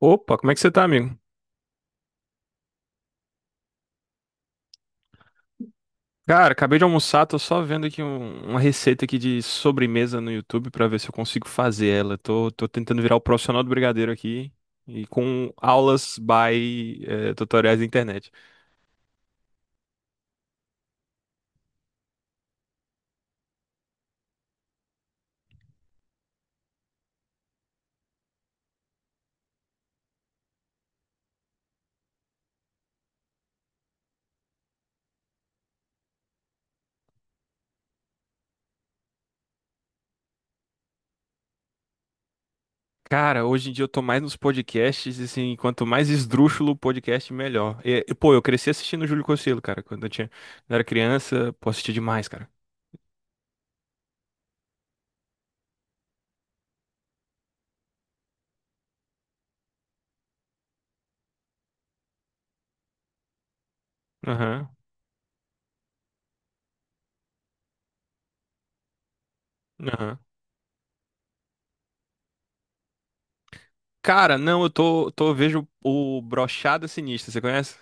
Opa, como é que você tá, amigo? Cara, acabei de almoçar, tô só vendo aqui uma receita aqui de sobremesa no YouTube pra ver se eu consigo fazer ela. Tô tentando virar o profissional do brigadeiro aqui e com aulas tutoriais da internet. Cara, hoje em dia eu tô mais nos podcasts, e, assim, quanto mais esdrúxulo o podcast, melhor. Pô, eu cresci assistindo o Júlio Cocielo, cara, quando era criança, pô, assistia demais, cara. Aham, aham. Cara, não, eu vejo o Brochada Sinistra, você conhece?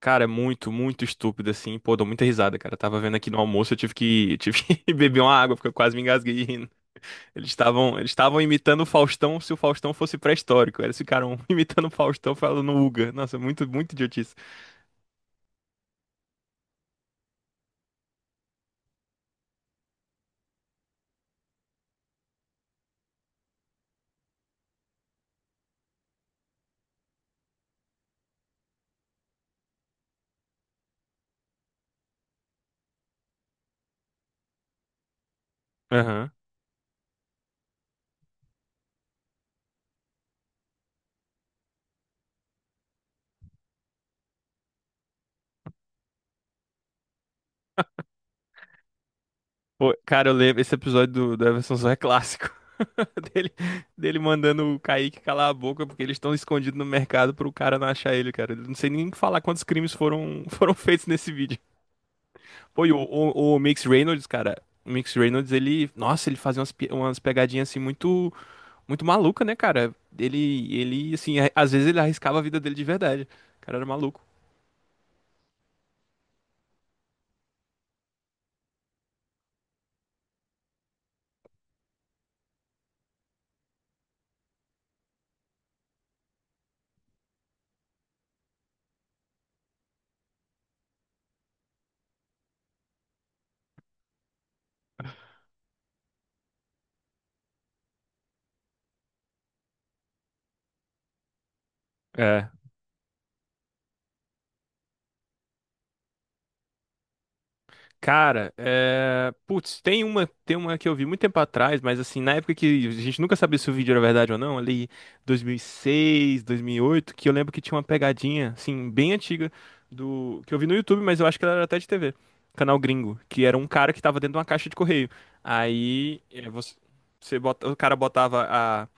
Cara, é muito, muito estúpido, assim. Pô, dou muita risada, cara. Eu tava vendo aqui no almoço, eu tive que beber uma água, porque eu quase me engasguei rindo. Eles estavam imitando o Faustão se o Faustão fosse pré-histórico. Eles ficaram imitando o Faustão falando Uga. Nossa, é muito, muito idiotice. Aham. Pô, cara, eu lembro, esse episódio do Everson Zoé é clássico. Dele, dele mandando o Kaique calar a boca, porque eles estão escondidos no mercado pro cara não achar ele, cara. Eu não sei nem falar quantos crimes foram, foram feitos nesse vídeo. Pô, e o Mix Reynolds, cara, o Mix Reynolds, nossa, ele fazia umas, umas pegadinhas assim muito, muito maluca, né, cara? Assim, às vezes ele arriscava a vida dele de verdade. O cara era maluco. É, cara, é... putz, tem uma que eu vi muito tempo atrás, mas assim, na época que a gente nunca sabia se o vídeo era verdade ou não, ali 2006, 2008, que eu lembro que tinha uma pegadinha, assim, bem antiga do que eu vi no YouTube, mas eu acho que ela era até de TV, canal gringo, que era um cara que tava dentro de uma caixa de correio. Aí é, você o cara botava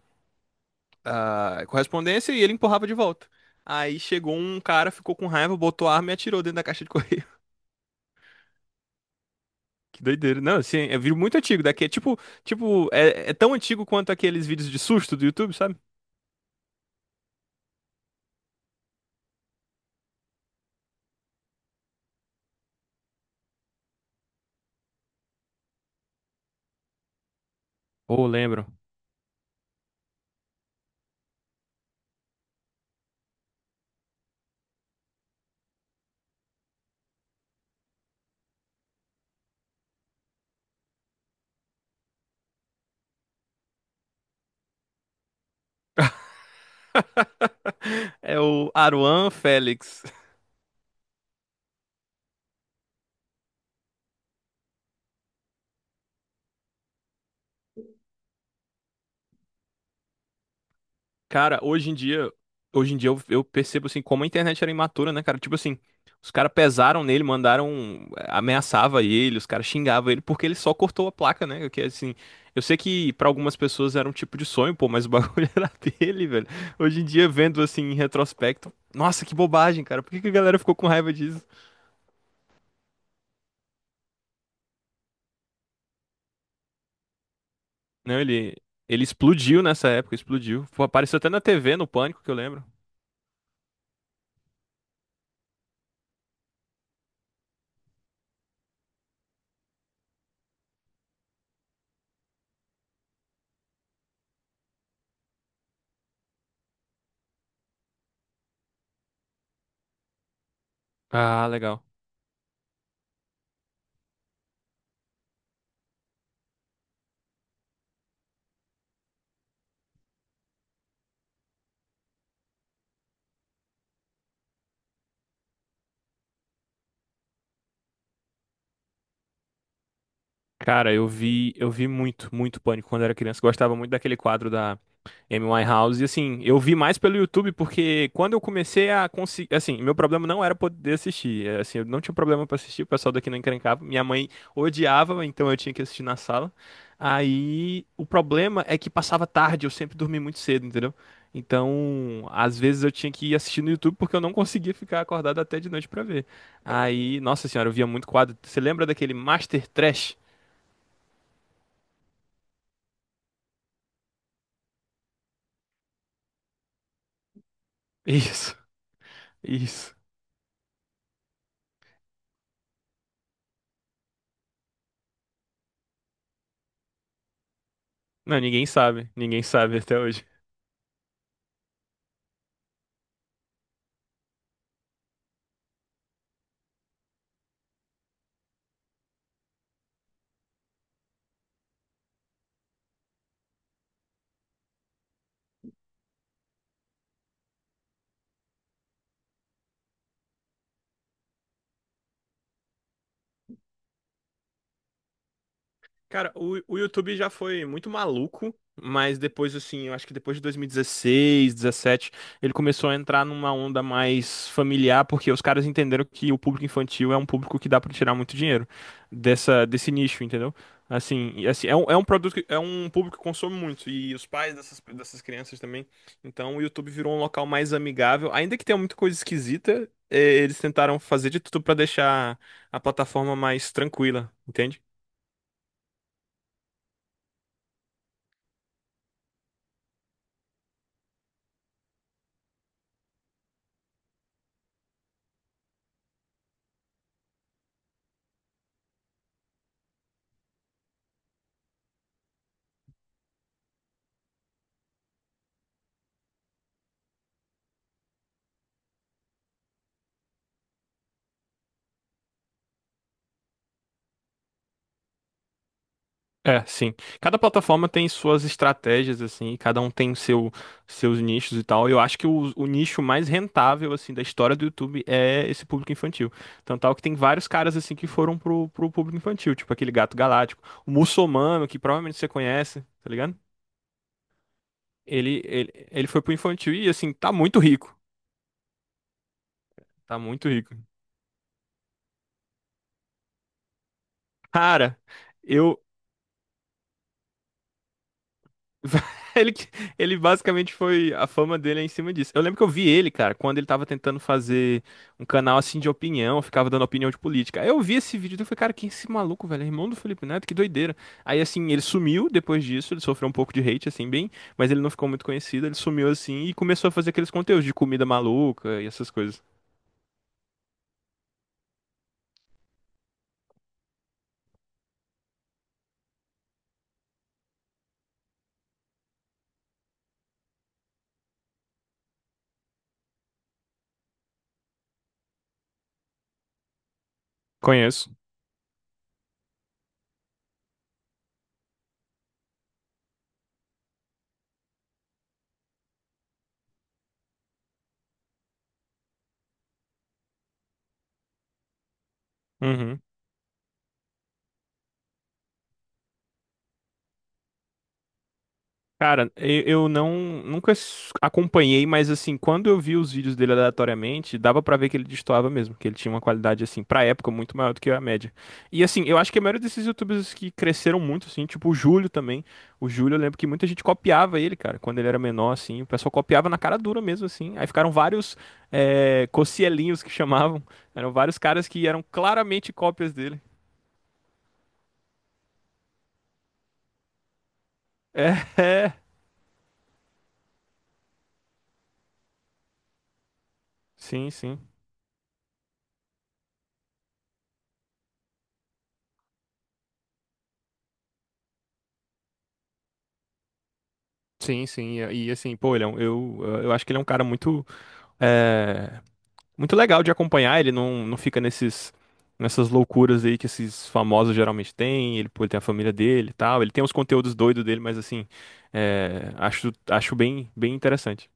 a correspondência e ele empurrava de volta. Aí chegou um cara, ficou com raiva, botou a arma e atirou dentro da caixa de correio. Que doideira. Não, assim, é vídeo muito antigo. Daqui é tipo, tipo, é, é tão antigo quanto aqueles vídeos de susto do YouTube, sabe? Ou lembro. É o Aruan Félix. Cara, hoje em dia eu percebo assim como a internet era imatura, né, cara? Tipo assim, os caras pesaram nele, mandaram, ameaçava ele, os caras xingavam ele porque ele só cortou a placa, né? Que assim, eu sei que pra algumas pessoas era um tipo de sonho, pô, mas o bagulho era dele, velho. Hoje em dia vendo assim em retrospecto, nossa, que bobagem, cara. Por que que a galera ficou com raiva disso? Não, ele explodiu nessa época, explodiu. Pô, apareceu até na TV, no Pânico, que eu lembro. Ah, legal. Cara, eu vi muito, muito Pânico quando era criança. Gostava muito daquele quadro da Amy Winehouse. E assim, eu vi mais pelo YouTube porque quando eu comecei a conseguir, assim, meu problema não era poder assistir. É, assim, eu não tinha problema pra assistir, o pessoal daqui não encrencava. Minha mãe odiava, então eu tinha que assistir na sala. Aí, o problema é que passava tarde, eu sempre dormi muito cedo, entendeu? Então, às vezes eu tinha que ir assistir no YouTube porque eu não conseguia ficar acordado até de noite pra ver. Aí, nossa senhora, eu via muito quadro. Você lembra daquele Master Trash? Isso, isso. Não, ninguém sabe. Ninguém sabe até hoje. Cara, o YouTube já foi muito maluco, mas depois, assim, eu acho que depois de 2016, 17, ele começou a entrar numa onda mais familiar, porque os caras entenderam que o público infantil é um público que dá pra tirar muito dinheiro desse nicho, entendeu? Assim, é um, é um público que consome muito, e os pais dessas crianças também. Então, o YouTube virou um local mais amigável, ainda que tenha muita coisa esquisita, eles tentaram fazer de tudo pra deixar a plataforma mais tranquila, entende? É, sim. Cada plataforma tem suas estratégias, assim, e cada um tem o seus nichos e tal. Eu acho que o nicho mais rentável, assim, da história do YouTube é esse público infantil. Tanto tal que tem vários caras, assim, que foram pro público infantil, tipo aquele Gato Galáctico. O Muçulmano, que provavelmente você conhece, tá ligado? Ele foi pro infantil e, assim, tá muito rico. Tá muito rico. Cara, eu, Ele, que- ele basicamente foi. A fama dele é em cima disso. Eu lembro que eu vi ele, cara, quando ele tava tentando fazer um canal assim de opinião, ficava dando opinião de política. Aí eu vi esse vídeo e falei, cara, quem é esse maluco, velho? É irmão do Felipe Neto, que doideira. Aí assim, ele sumiu depois disso, ele sofreu um pouco de hate, assim, bem, mas ele não ficou muito conhecido, ele sumiu assim e começou a fazer aqueles conteúdos de comida maluca e essas coisas. Conheço. Uhum. Cara, eu não nunca acompanhei, mas assim, quando eu vi os vídeos dele aleatoriamente, dava pra ver que ele destoava mesmo, que ele tinha uma qualidade assim, pra época muito maior do que a média. E assim, eu acho que a maioria desses youtubers que cresceram muito assim, tipo o Júlio também. O Júlio, eu lembro que muita gente copiava ele, cara, quando ele era menor assim, o pessoal copiava na cara dura mesmo assim. Aí ficaram vários cocielinhos que chamavam, eram vários caras que eram claramente cópias dele. É, sim, sim. Sim, sim, assim, pô, eu acho que ele é um cara muito é muito legal de acompanhar, ele não, não fica nessas loucuras aí que esses famosos geralmente têm, ele, pô, ele tem a família dele e tal, ele tem os conteúdos doidos dele, mas assim, é, acho bem interessante.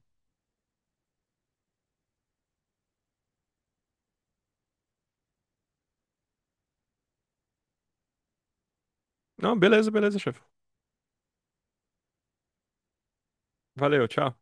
Não, beleza, beleza, chefe. Valeu, tchau.